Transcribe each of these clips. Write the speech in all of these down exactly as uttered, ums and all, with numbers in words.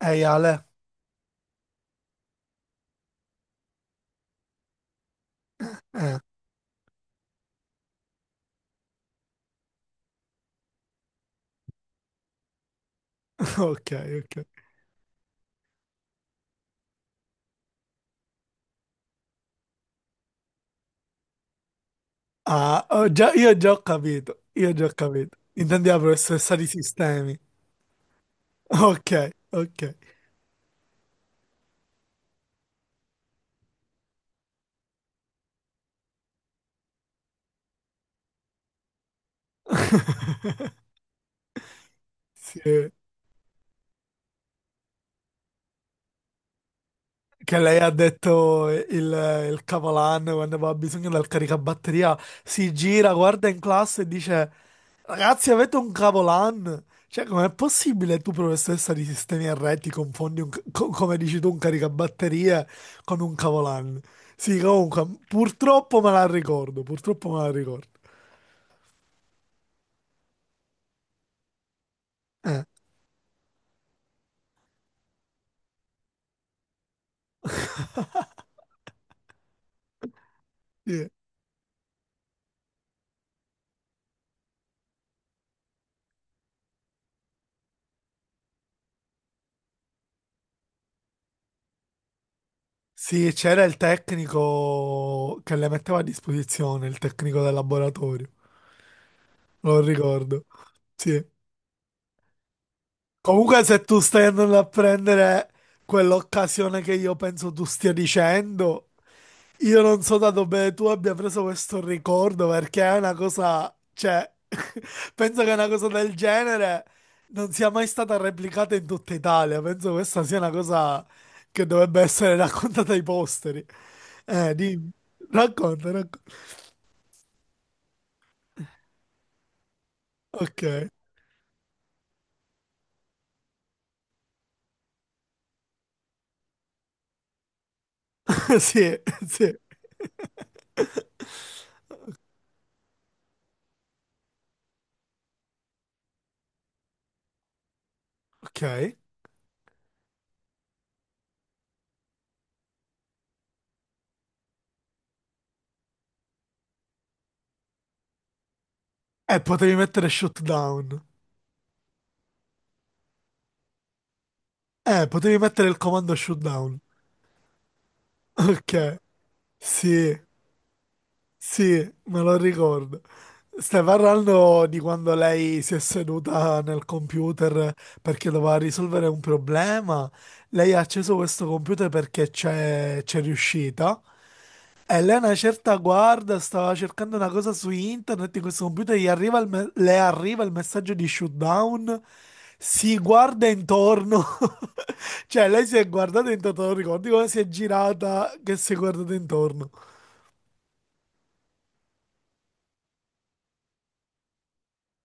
Ehi Ale? Eh, ok, ok. Ah, ho già- io già ho capito, io già ho capito. Intendi la professoressa di sistemi. Ok, ok. Sì, che lei ha detto il, il capolanno quando aveva bisogno del caricabatteria, si gira, guarda in classe e dice: ragazzi, avete un cavolan? Cioè, com'è possibile tu, professoressa di sistemi erre ti, ti confondi, un, ca- co- come dici tu, un caricabatterie con un cavolan? Sì, comunque, purtroppo me la ricordo, purtroppo me la ricordo. Eh, sì. Sì, c'era il tecnico che le metteva a disposizione, il tecnico del laboratorio, lo ricordo. Sì. Comunque, se tu stai andando a prendere quell'occasione che io penso tu stia dicendo... Io non so da dove tu abbia preso questo ricordo perché è una cosa, cioè, penso che una cosa del genere non sia mai stata replicata in tutta Italia. Penso questa sia una cosa che dovrebbe essere raccontata ai posteri. Eh, dimmi. Racconta, racconta. Ok, sì, sì, ok. Eh, potevi mettere shutdown. Eh, potevi mettere il comando shutdown. Ok, sì, sì, me lo ricordo. Stai parlando di quando lei si è seduta nel computer perché doveva risolvere un problema. Lei ha acceso questo computer perché c'è c'è riuscita. E lei a una certa guarda, stava cercando una cosa su internet, in questo computer gli arriva il me- le arriva il messaggio di shutdown, si guarda intorno, cioè lei si è guardata intorno, non ricordi come si è girata che si è guardata intorno.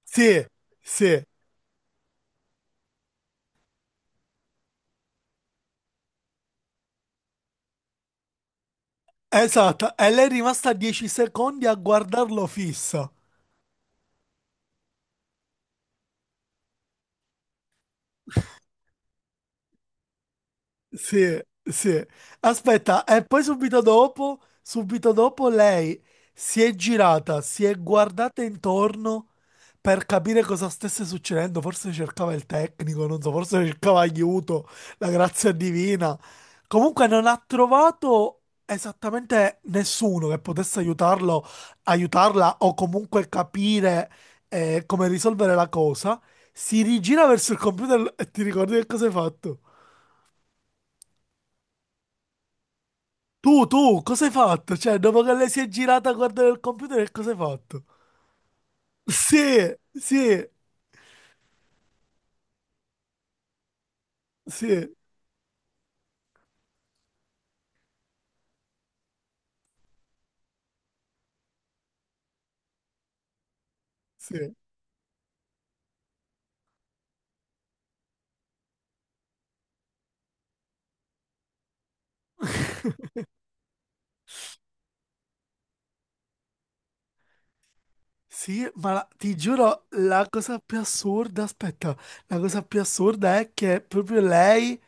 Sì, sì. Esatto, e lei è rimasta dieci secondi a guardarlo fissa. Sì, sì. Aspetta, e poi subito dopo, subito dopo lei si è girata, si è guardata intorno per capire cosa stesse succedendo. Forse cercava il tecnico, non so, forse cercava aiuto, la grazia divina. Comunque non ha trovato esattamente nessuno che potesse aiutarlo, aiutarla o comunque capire eh, come risolvere la cosa. Si rigira verso il computer e ti ricordi che cosa hai fatto? Tu, tu, cosa hai fatto? Cioè, dopo che lei si è girata a guardare il computer, che cosa hai fatto? Sì, sì, sì, sì. Sì, ma la- ti giuro, la cosa più assurda, aspetta, la cosa più assurda è che proprio lei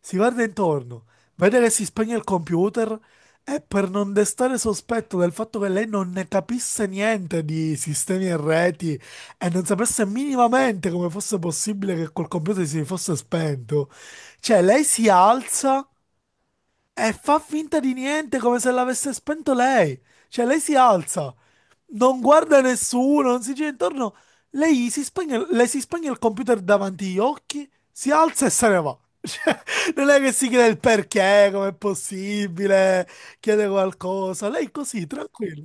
si guarda intorno, vede che si spegne il computer e per non destare sospetto del fatto che lei non ne capisse niente di sistemi e reti e non sapesse minimamente come fosse possibile che quel computer si fosse spento, cioè lei si alza. E fa finta di niente come se l'avesse spento lei. Cioè, lei si alza, non guarda nessuno, non si gira intorno. Lei si spegne, le si spegne il computer davanti agli occhi, si alza e se ne va. Non è che si chiede il perché, com'è possibile, chiede qualcosa. Lei così, tranquilla.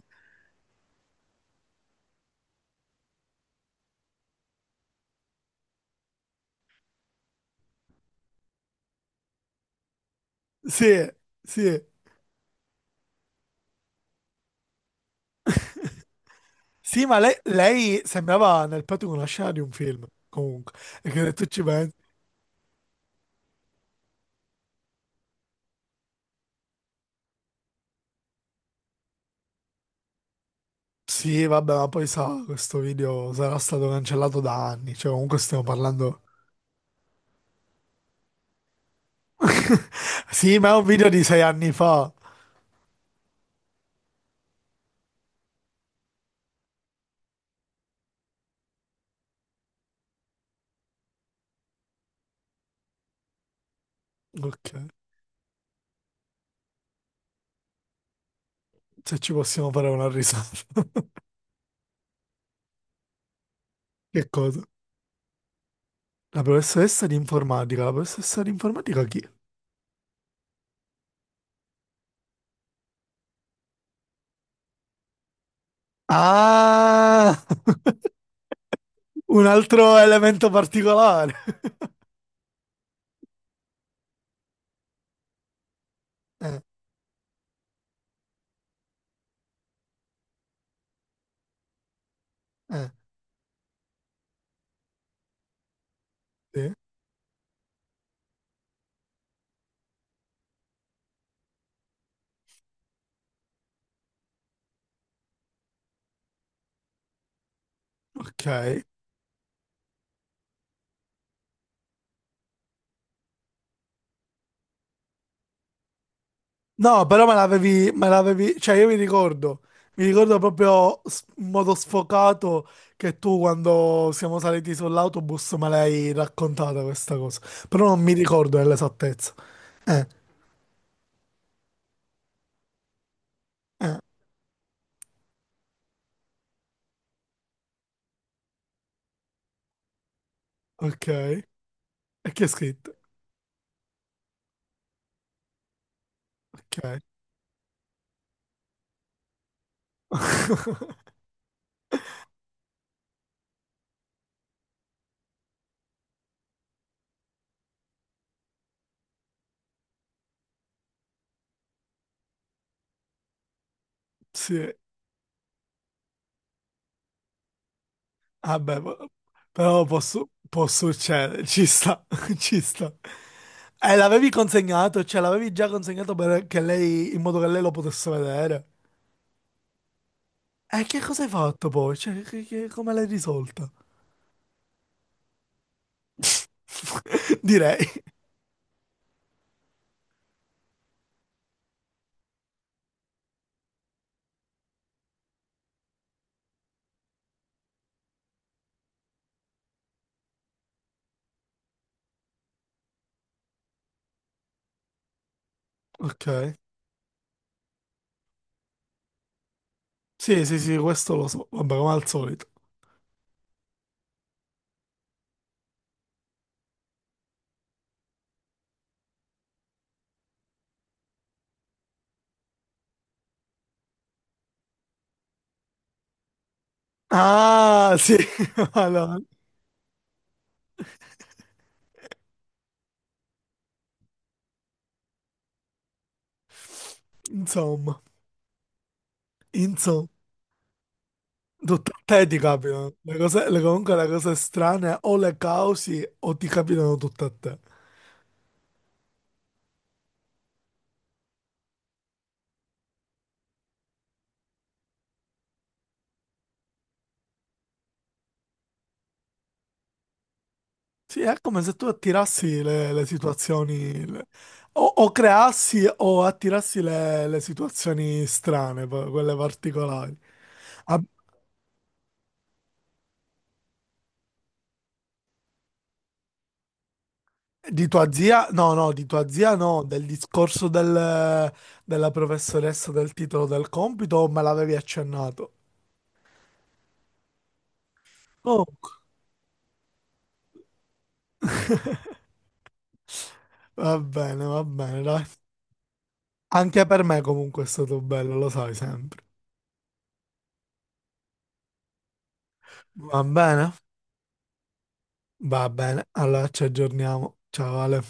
Sì, sì. Sì, ma lei, lei sembrava nel petto di una scena di un film, comunque. E che tu ci pensi. Sì, vabbè, ma poi sa, questo video sarà stato cancellato da anni, cioè comunque stiamo parlando... Sì, ma è un video di sei anni fa. Ok, se ci possiamo fare una risata. Che cosa? La professoressa di informatica, la professoressa di informatica chi? Ah, un altro elemento particolare. Eh, eh, sì. Ok. No, però me l'avevi, me l'avevi, cioè io mi ricordo, mi ricordo proprio s- in modo sfocato che tu quando siamo saliti sull'autobus me l'hai raccontata questa cosa, però non mi ricordo nell'esattezza. Eh, eh, ok. E che è scritto? Ok, sì, vabbè, po- però posso, può succedere, ci sta, ci sta. E l'avevi consegnato, cioè l'avevi già consegnato perché lei, in modo che lei lo potesse vedere. E che cosa hai fatto poi? Cioè, che- che- come l'hai risolta? Direi. Ok. Sì, sì, sì, questo lo so. Vabbè, come al solito. Ah, sì. Allora, insomma, insomma, tutto a te ti capitano. Le cose, le- comunque le cose strane o le causi o ti capitano tutte a te. Sì, è come se tu attirassi le, le situazioni, le- o, o creassi o attirassi le, le situazioni strane, poi, quelle particolari. Di tua zia? No, no, di tua zia no, del discorso del- della professoressa del titolo del compito o me l'avevi accennato? Comunque, va bene, va bene, dai. Anche per me comunque è stato bello, lo sai sempre. Va bene? Va bene, allora ci aggiorniamo. Ciao Ale.